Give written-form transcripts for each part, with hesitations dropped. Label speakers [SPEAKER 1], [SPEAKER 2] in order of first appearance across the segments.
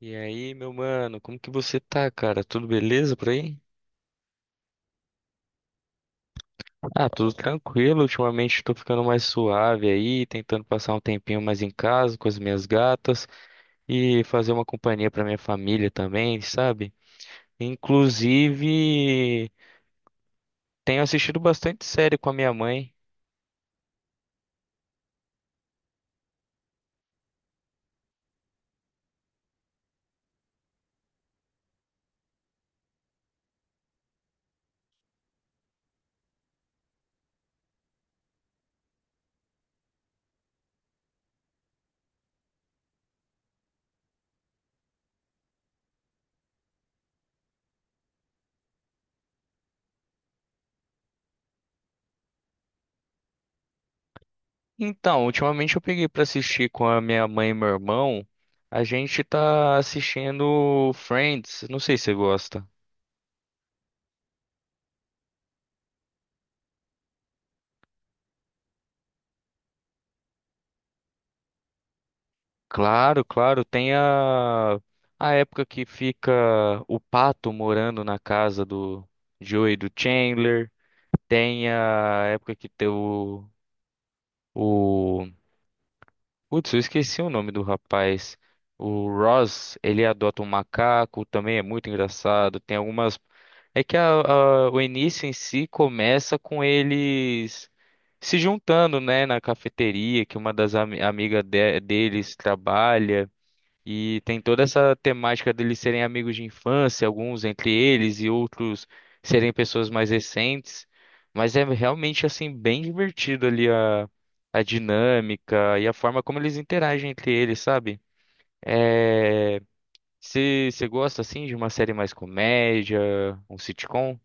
[SPEAKER 1] E aí, meu mano, como que você tá, cara? Tudo beleza por aí? Ah, tudo tranquilo. Ultimamente tô ficando mais suave aí, tentando passar um tempinho mais em casa com as minhas gatas e fazer uma companhia pra minha família também, sabe? Inclusive, tenho assistido bastante série com a minha mãe. Então, ultimamente eu peguei pra assistir com a minha mãe e meu irmão. A gente tá assistindo Friends. Não sei se você gosta. Claro, claro. Tem a época que fica o Pato morando na casa do Joey e do Chandler. Tem a época que tem o. Putz, eu esqueci o nome do rapaz. O Ross, ele adota um macaco, também é muito engraçado. Tem algumas. É que o início em si começa com eles se juntando, né, na cafeteria que uma das amigas deles trabalha. E tem toda essa temática deles serem amigos de infância, alguns entre eles e outros serem pessoas mais recentes. Mas é realmente assim bem divertido ali a dinâmica e a forma como eles interagem entre eles, sabe? É... Se você gosta assim de uma série mais comédia, um sitcom?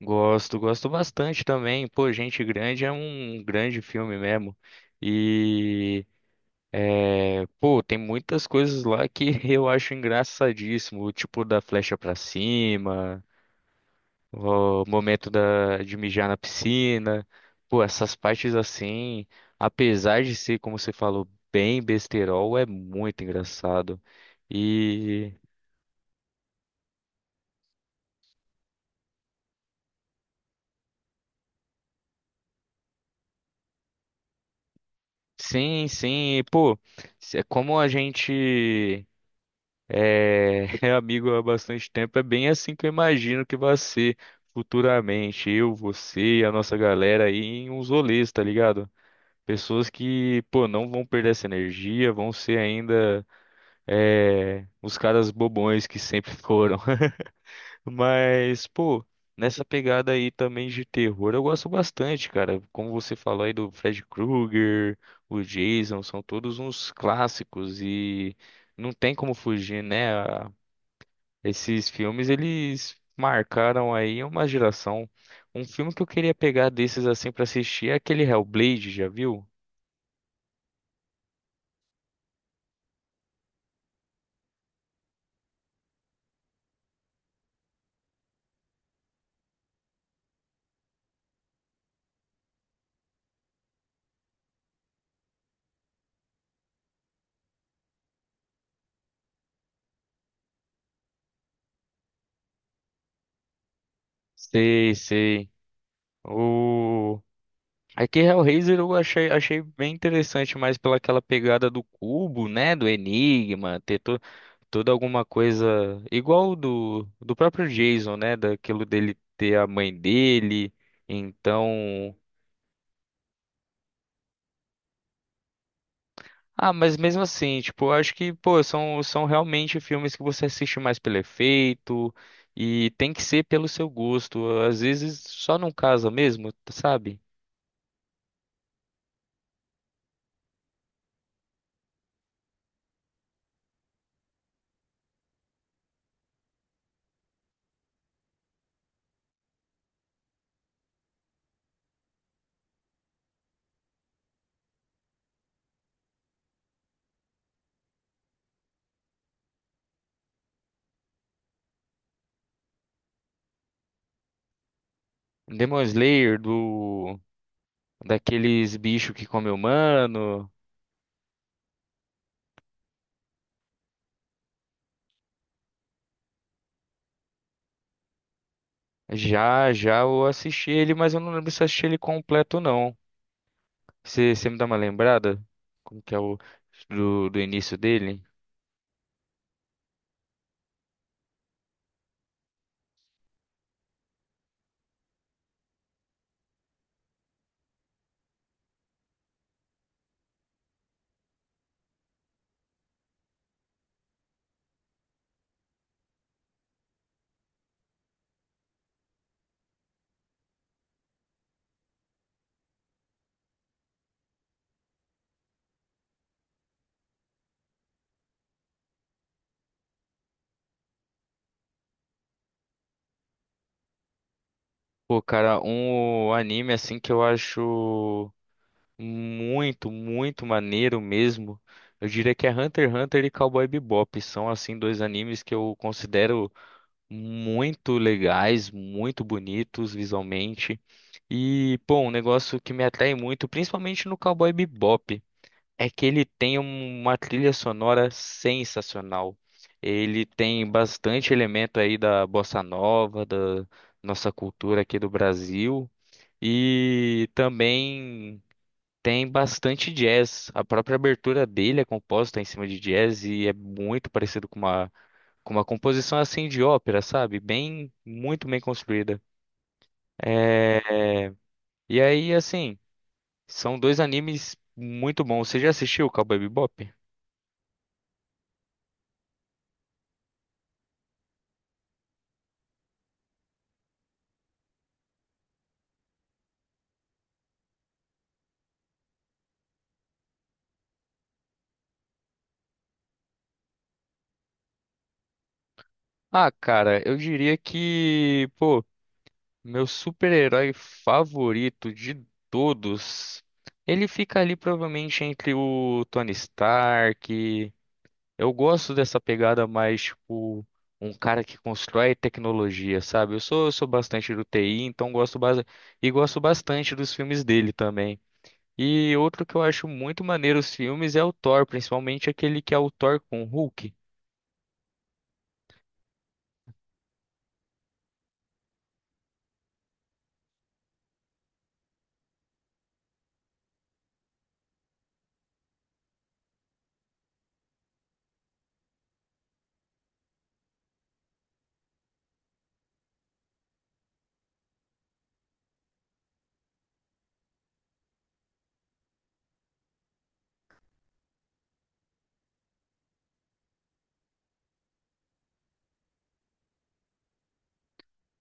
[SPEAKER 1] Gosto, gosto bastante também. Pô, Gente Grande é um grande filme mesmo. E, pô, tem muitas coisas lá que eu acho engraçadíssimo, o tipo da flecha pra cima, o momento de mijar na piscina. Pô, essas partes assim, apesar de ser, como você falou, bem besterol, é muito engraçado. E sim, sim, pô, é como a gente. É, é amigo há bastante tempo. É bem assim que eu imagino que vai ser futuramente. Eu, você e a nossa galera aí em uns rolês, tá ligado? Pessoas que, pô, não vão perder essa energia, vão ser ainda os caras bobões que sempre foram. Mas, pô, nessa pegada aí também de terror, eu gosto bastante, cara. Como você falou aí do Fred Krueger, o Jason, são todos uns clássicos e não tem como fugir, né? Esses filmes, eles marcaram aí uma geração. Um filme que eu queria pegar desses assim pra assistir é aquele Hellblade, já viu? Sei, sei. O é que Hellraiser eu achei, achei bem interessante, mas pela aquela pegada do cubo, né, do enigma, ter toda alguma coisa igual do próprio Jason, né, daquilo dele ter a mãe dele. Então, ah, mas mesmo assim, tipo, eu acho que, pô, são realmente filmes que você assiste mais pelo efeito e tem que ser pelo seu gosto. Às vezes só não casa mesmo, sabe? Demon Slayer, daqueles bichos que come humano. Já, já eu assisti ele, mas eu não lembro se eu assisti ele completo, não. Você me dá uma lembrada? Como que é o do início dele? Pô, cara, um anime assim que eu acho. Muito, muito maneiro mesmo. Eu diria que é Hunter x Hunter e Cowboy Bebop. São, assim, dois animes que eu considero muito legais, muito bonitos visualmente. E, pô, um negócio que me atrai muito, principalmente no Cowboy Bebop, é que ele tem uma trilha sonora sensacional. Ele tem bastante elemento aí da bossa nova, da nossa cultura aqui do Brasil. E também. Tem bastante jazz. A própria abertura dele é composta em cima de jazz e é muito parecido com com uma composição assim de ópera, sabe? Bem, muito bem construída. É, E aí, assim, são dois animes muito bons. Você já assistiu o Cowboy Bebop? Ah, cara, eu diria que, pô, meu super-herói favorito de todos, ele fica ali provavelmente entre o Tony Stark. Eu gosto dessa pegada mais, tipo, um cara que constrói tecnologia, sabe? Eu sou bastante do TI, então gosto bastante, e gosto bastante dos filmes dele também. E outro que eu acho muito maneiro os filmes é o Thor, principalmente aquele que é o Thor com o Hulk.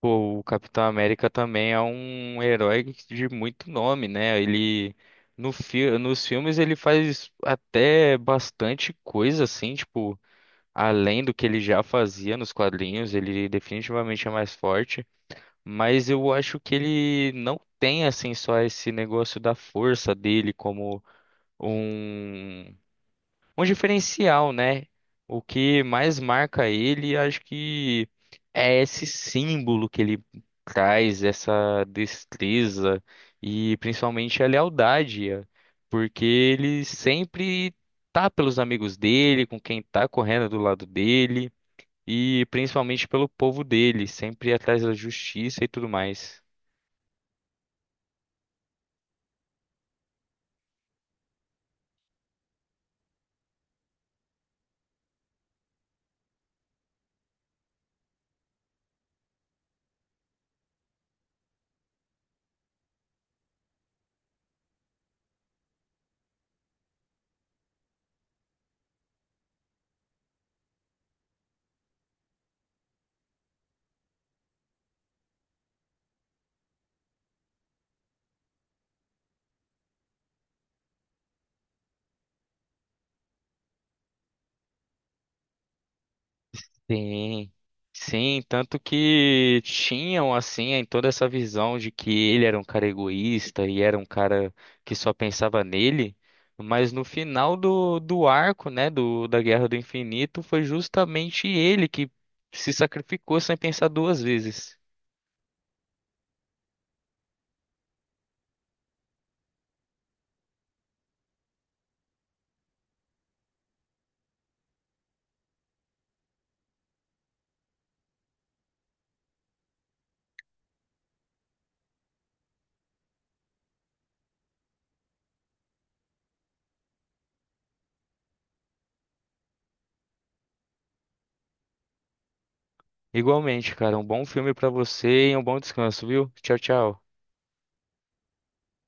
[SPEAKER 1] Pô, o Capitão América também é um herói de muito nome, né? Ele no fi nos filmes ele faz até bastante coisa assim, tipo além do que ele já fazia nos quadrinhos, ele definitivamente é mais forte, mas eu acho que ele não tem assim só esse negócio da força dele como um um diferencial, né? O que mais marca ele, acho que é esse símbolo que ele traz, essa destreza e principalmente a lealdade, porque ele sempre tá pelos amigos dele, com quem tá correndo do lado dele. E principalmente pelo povo dele, sempre atrás da justiça e tudo mais. Sim. Sim, tanto que tinham assim em toda essa visão de que ele era um cara egoísta e era um cara que só pensava nele, mas no final do arco, né, da Guerra do Infinito, foi justamente ele que se sacrificou sem pensar duas vezes. Igualmente, cara, um bom filme pra você e um bom descanso, viu? Tchau, tchau.